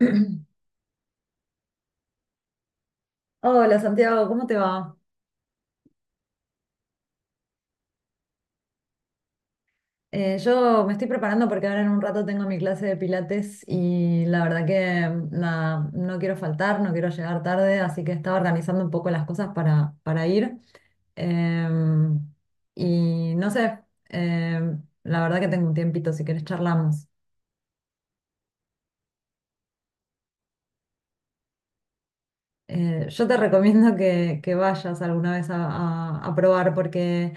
Hola Santiago, ¿cómo te va? Yo me estoy preparando porque ahora en un rato tengo mi clase de pilates y la verdad que nada, no quiero faltar, no quiero llegar tarde, así que estaba organizando un poco las cosas para ir. Em, y no sé, la verdad que tengo un tiempito, si querés charlamos. Yo te recomiendo que vayas alguna vez a probar porque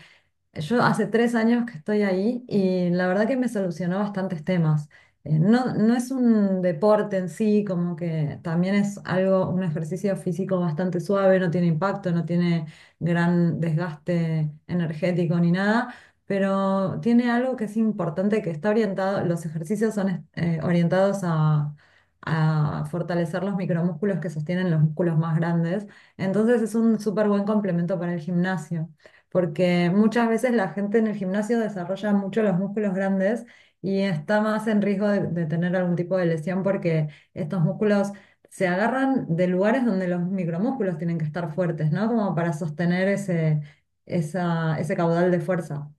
yo hace 3 años que estoy ahí y la verdad que me solucionó bastantes temas. No, no es un deporte en sí, como que también es algo, un ejercicio físico bastante suave, no tiene impacto, no tiene gran desgaste energético ni nada, pero tiene algo que es importante, que está orientado, los ejercicios son orientados a fortalecer los micromúsculos que sostienen los músculos más grandes, entonces es un súper buen complemento para el gimnasio porque muchas veces la gente en el gimnasio desarrolla mucho los músculos grandes y está más en riesgo de tener algún tipo de lesión porque estos músculos se agarran de lugares donde los micromúsculos tienen que estar fuertes, ¿no? Como para sostener ese, ese caudal de fuerza.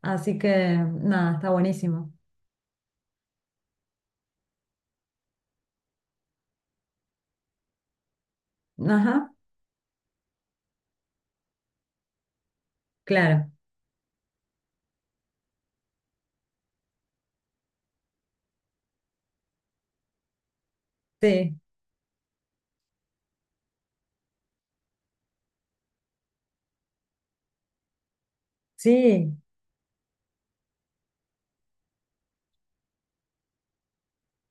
Así que nada, está buenísimo. Ajá, claro, sí, sí.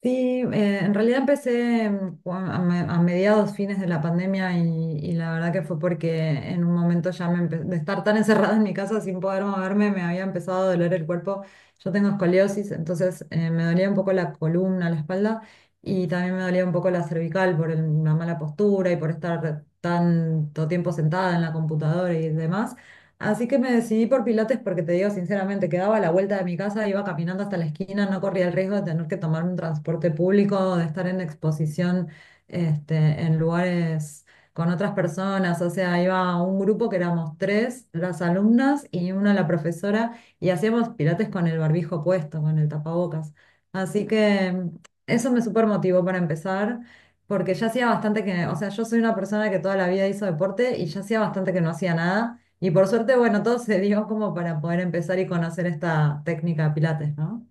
Sí, en realidad empecé a mediados, fines de la pandemia y la verdad que fue porque en un momento ya de estar tan encerrada en mi casa sin poder moverme, me había empezado a doler el cuerpo. Yo tengo escoliosis, entonces me dolía un poco la columna, la espalda y también me dolía un poco la cervical por una mala postura y por estar tanto tiempo sentada en la computadora y demás. Así que me decidí por Pilates porque te digo sinceramente, quedaba a la vuelta de mi casa, iba caminando hasta la esquina, no corría el riesgo de tener que tomar un transporte público, de estar en exposición este, en lugares con otras personas. O sea, iba a un grupo que éramos tres, las alumnas y una la profesora, y hacíamos Pilates con el barbijo puesto, con el tapabocas. Así que eso me super motivó para empezar. Porque ya hacía bastante que, o sea, yo soy una persona que toda la vida hizo deporte y ya hacía bastante que no hacía nada. Y por suerte, bueno, todo se dio como para poder empezar y conocer esta técnica de pilates, ¿no?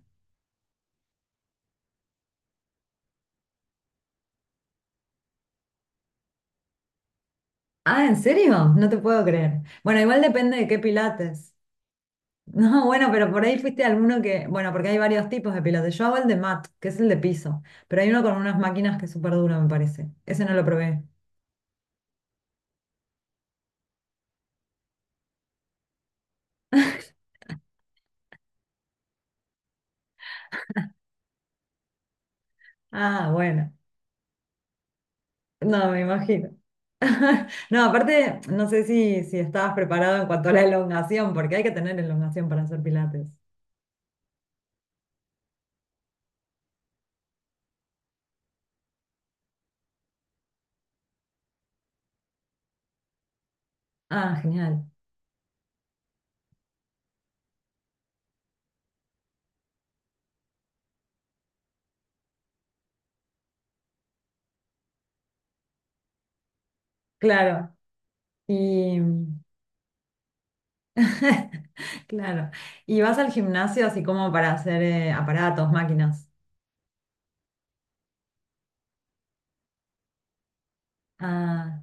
Ah, ¿en serio? No te puedo creer. Bueno, igual depende de qué pilates. No, bueno, pero por ahí fuiste a alguno que, bueno, porque hay varios tipos de pilates. Yo hago el de mat, que es el de piso, pero hay uno con unas máquinas que es súper duro, me parece. Ese no lo probé. Ah, bueno. No, me imagino. No, aparte, no sé si, si estabas preparado en cuanto a la elongación, porque hay que tener elongación para hacer pilates. Ah, genial. Claro. Y, claro. ¿Y vas al gimnasio así como para hacer aparatos, máquinas? Ah,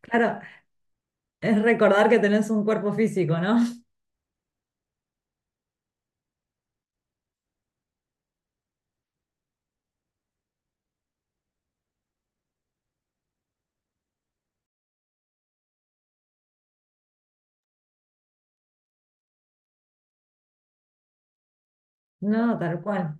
claro, es recordar que tenés un cuerpo físico, ¿no? No, tal cual.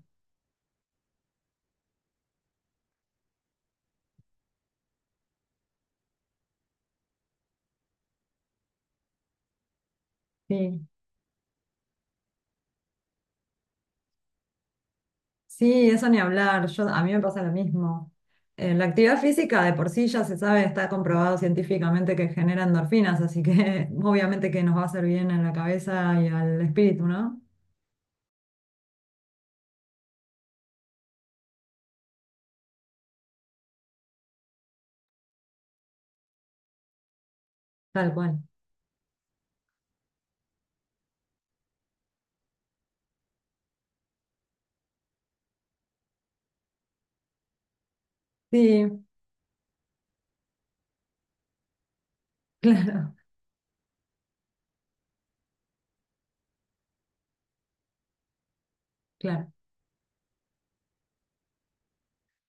Sí. Sí, eso ni hablar. Yo, a mí me pasa lo mismo. La actividad física de por sí ya se sabe, está comprobado científicamente que genera endorfinas, así que obviamente que nos va a hacer bien en la cabeza y al espíritu, ¿no? Tal cual. Sí, claro, claro.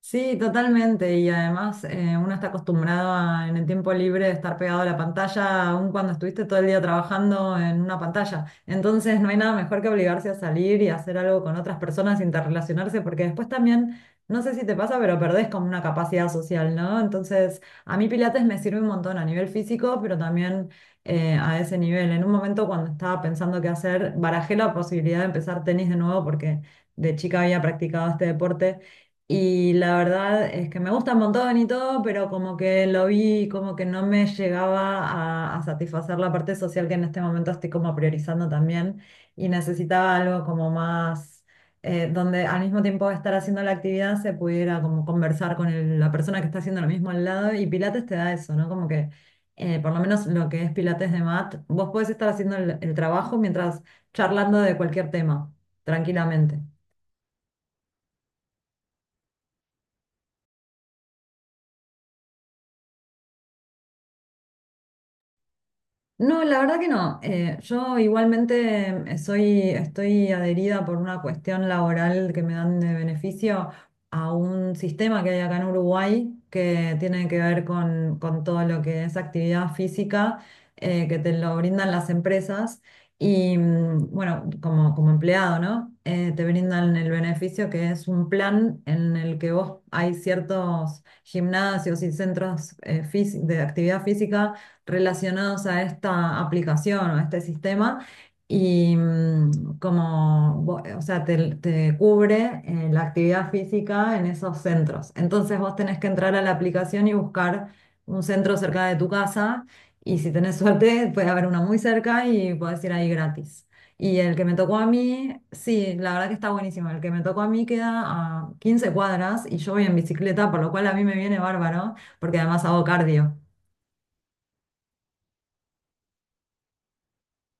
Sí, totalmente. Y además uno está acostumbrado a, en el tiempo libre de estar pegado a la pantalla, aun cuando estuviste todo el día trabajando en una pantalla. Entonces no hay nada mejor que obligarse a salir y hacer algo con otras personas, interrelacionarse, porque después también, no sé si te pasa, pero perdés como una capacidad social, ¿no? Entonces a mí Pilates me sirve un montón a nivel físico, pero también a ese nivel. En un momento cuando estaba pensando qué hacer, barajé la posibilidad de empezar tenis de nuevo porque de chica había practicado este deporte. Y la verdad es que me gusta un montón y todo, pero como que lo vi, como que no me llegaba a satisfacer la parte social que en este momento estoy como priorizando también. Y necesitaba algo como más, donde al mismo tiempo de estar haciendo la actividad se pudiera como conversar con la persona que está haciendo lo mismo al lado. Y Pilates te da eso, ¿no? Como que, por lo menos lo que es Pilates de mat, vos podés estar haciendo el trabajo mientras charlando de cualquier tema, tranquilamente. No, la verdad que no. Yo igualmente soy, estoy adherida por una cuestión laboral que me dan de beneficio a un sistema que hay acá en Uruguay que tiene que ver con todo lo que es actividad física, que te lo brindan las empresas y bueno, como, como empleado, ¿no? Te brindan el beneficio que es un plan en el que vos hay ciertos gimnasios y centros de actividad física relacionados a esta aplicación o a este sistema y como, o sea, te cubre la actividad física en esos centros. Entonces vos tenés que entrar a la aplicación y buscar un centro cerca de tu casa y si tenés suerte puede haber uno muy cerca y podés ir ahí gratis. Y el que me tocó a mí, sí, la verdad que está buenísimo. El que me tocó a mí queda a 15 cuadras y yo voy en bicicleta, por lo cual a mí me viene bárbaro, porque además hago cardio.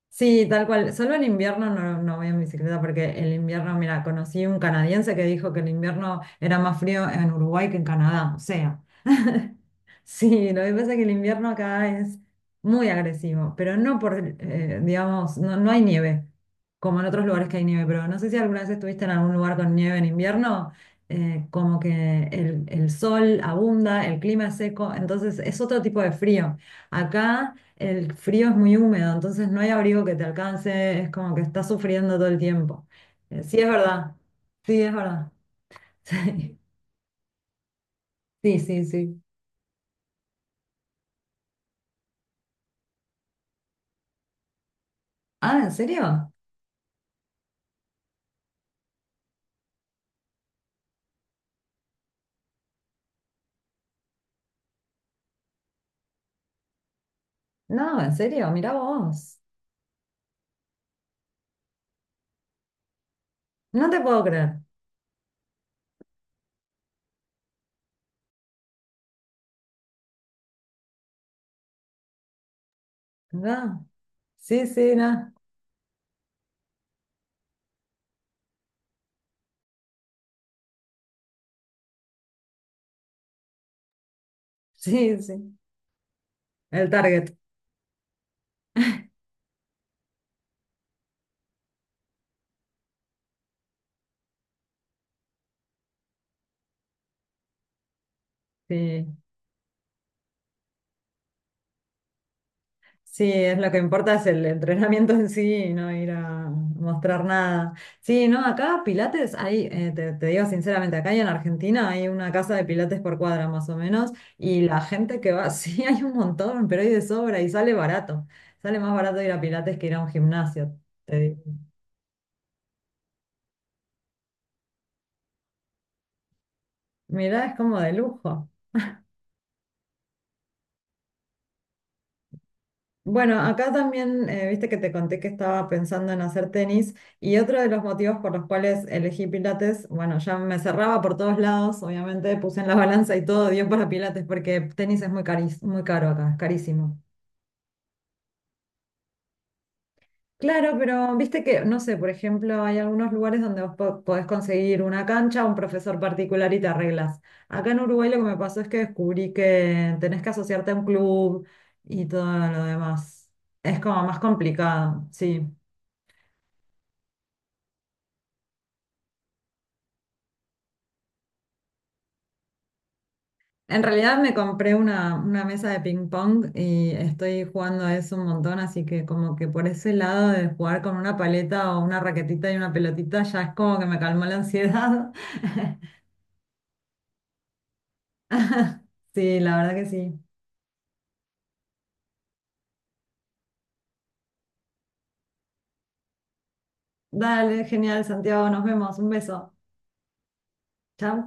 Sí, tal cual. Solo en invierno no, no voy en bicicleta porque el invierno, mira, conocí un canadiense que dijo que el invierno era más frío en Uruguay que en Canadá. O sea, sí, lo que pasa es que el invierno acá es muy agresivo, pero no por, digamos, no, no hay nieve, como en otros lugares que hay nieve, pero no sé si alguna vez estuviste en algún lugar con nieve en invierno, como que el sol abunda, el clima es seco, entonces es otro tipo de frío. Acá, el frío es muy húmedo, entonces no hay abrigo que te alcance, es como que estás sufriendo todo el tiempo. Sí, es verdad. Sí, es verdad. Sí, sí, sí. Sí. Ah, ¿en serio? No, en serio, mirá vos. No te puedo creer. No, sí, sí, no. Sí, sí. El target. Sí. Sí, es lo que importa es el entrenamiento en sí y no ir a mostrar nada. Sí, no, acá Pilates hay, te digo sinceramente, acá y en Argentina hay una casa de Pilates por cuadra más o menos y la gente que va, sí, hay un montón, pero hay de sobra y sale barato. Sale más barato ir a Pilates que ir a un gimnasio, te digo. Mirá, es como de lujo. Bueno, acá también, viste que te conté que estaba pensando en hacer tenis y otro de los motivos por los cuales elegí Pilates, bueno, ya me cerraba por todos lados, obviamente puse en la balanza y todo dio para Pilates porque tenis es muy caro acá, es carísimo. Claro, pero viste que, no sé, por ejemplo, hay algunos lugares donde vos podés conseguir una cancha, un profesor particular y te arreglas. Acá en Uruguay lo que me pasó es que descubrí que tenés que asociarte a un club y todo lo demás. Es como más complicado, sí. En realidad me compré una mesa de ping pong y estoy jugando a eso un montón, así que como que por ese lado de jugar con una paleta o una raquetita y una pelotita ya es como que me calmó la ansiedad. Sí, la verdad que sí. Dale, genial, Santiago, nos vemos. Un beso. Chao.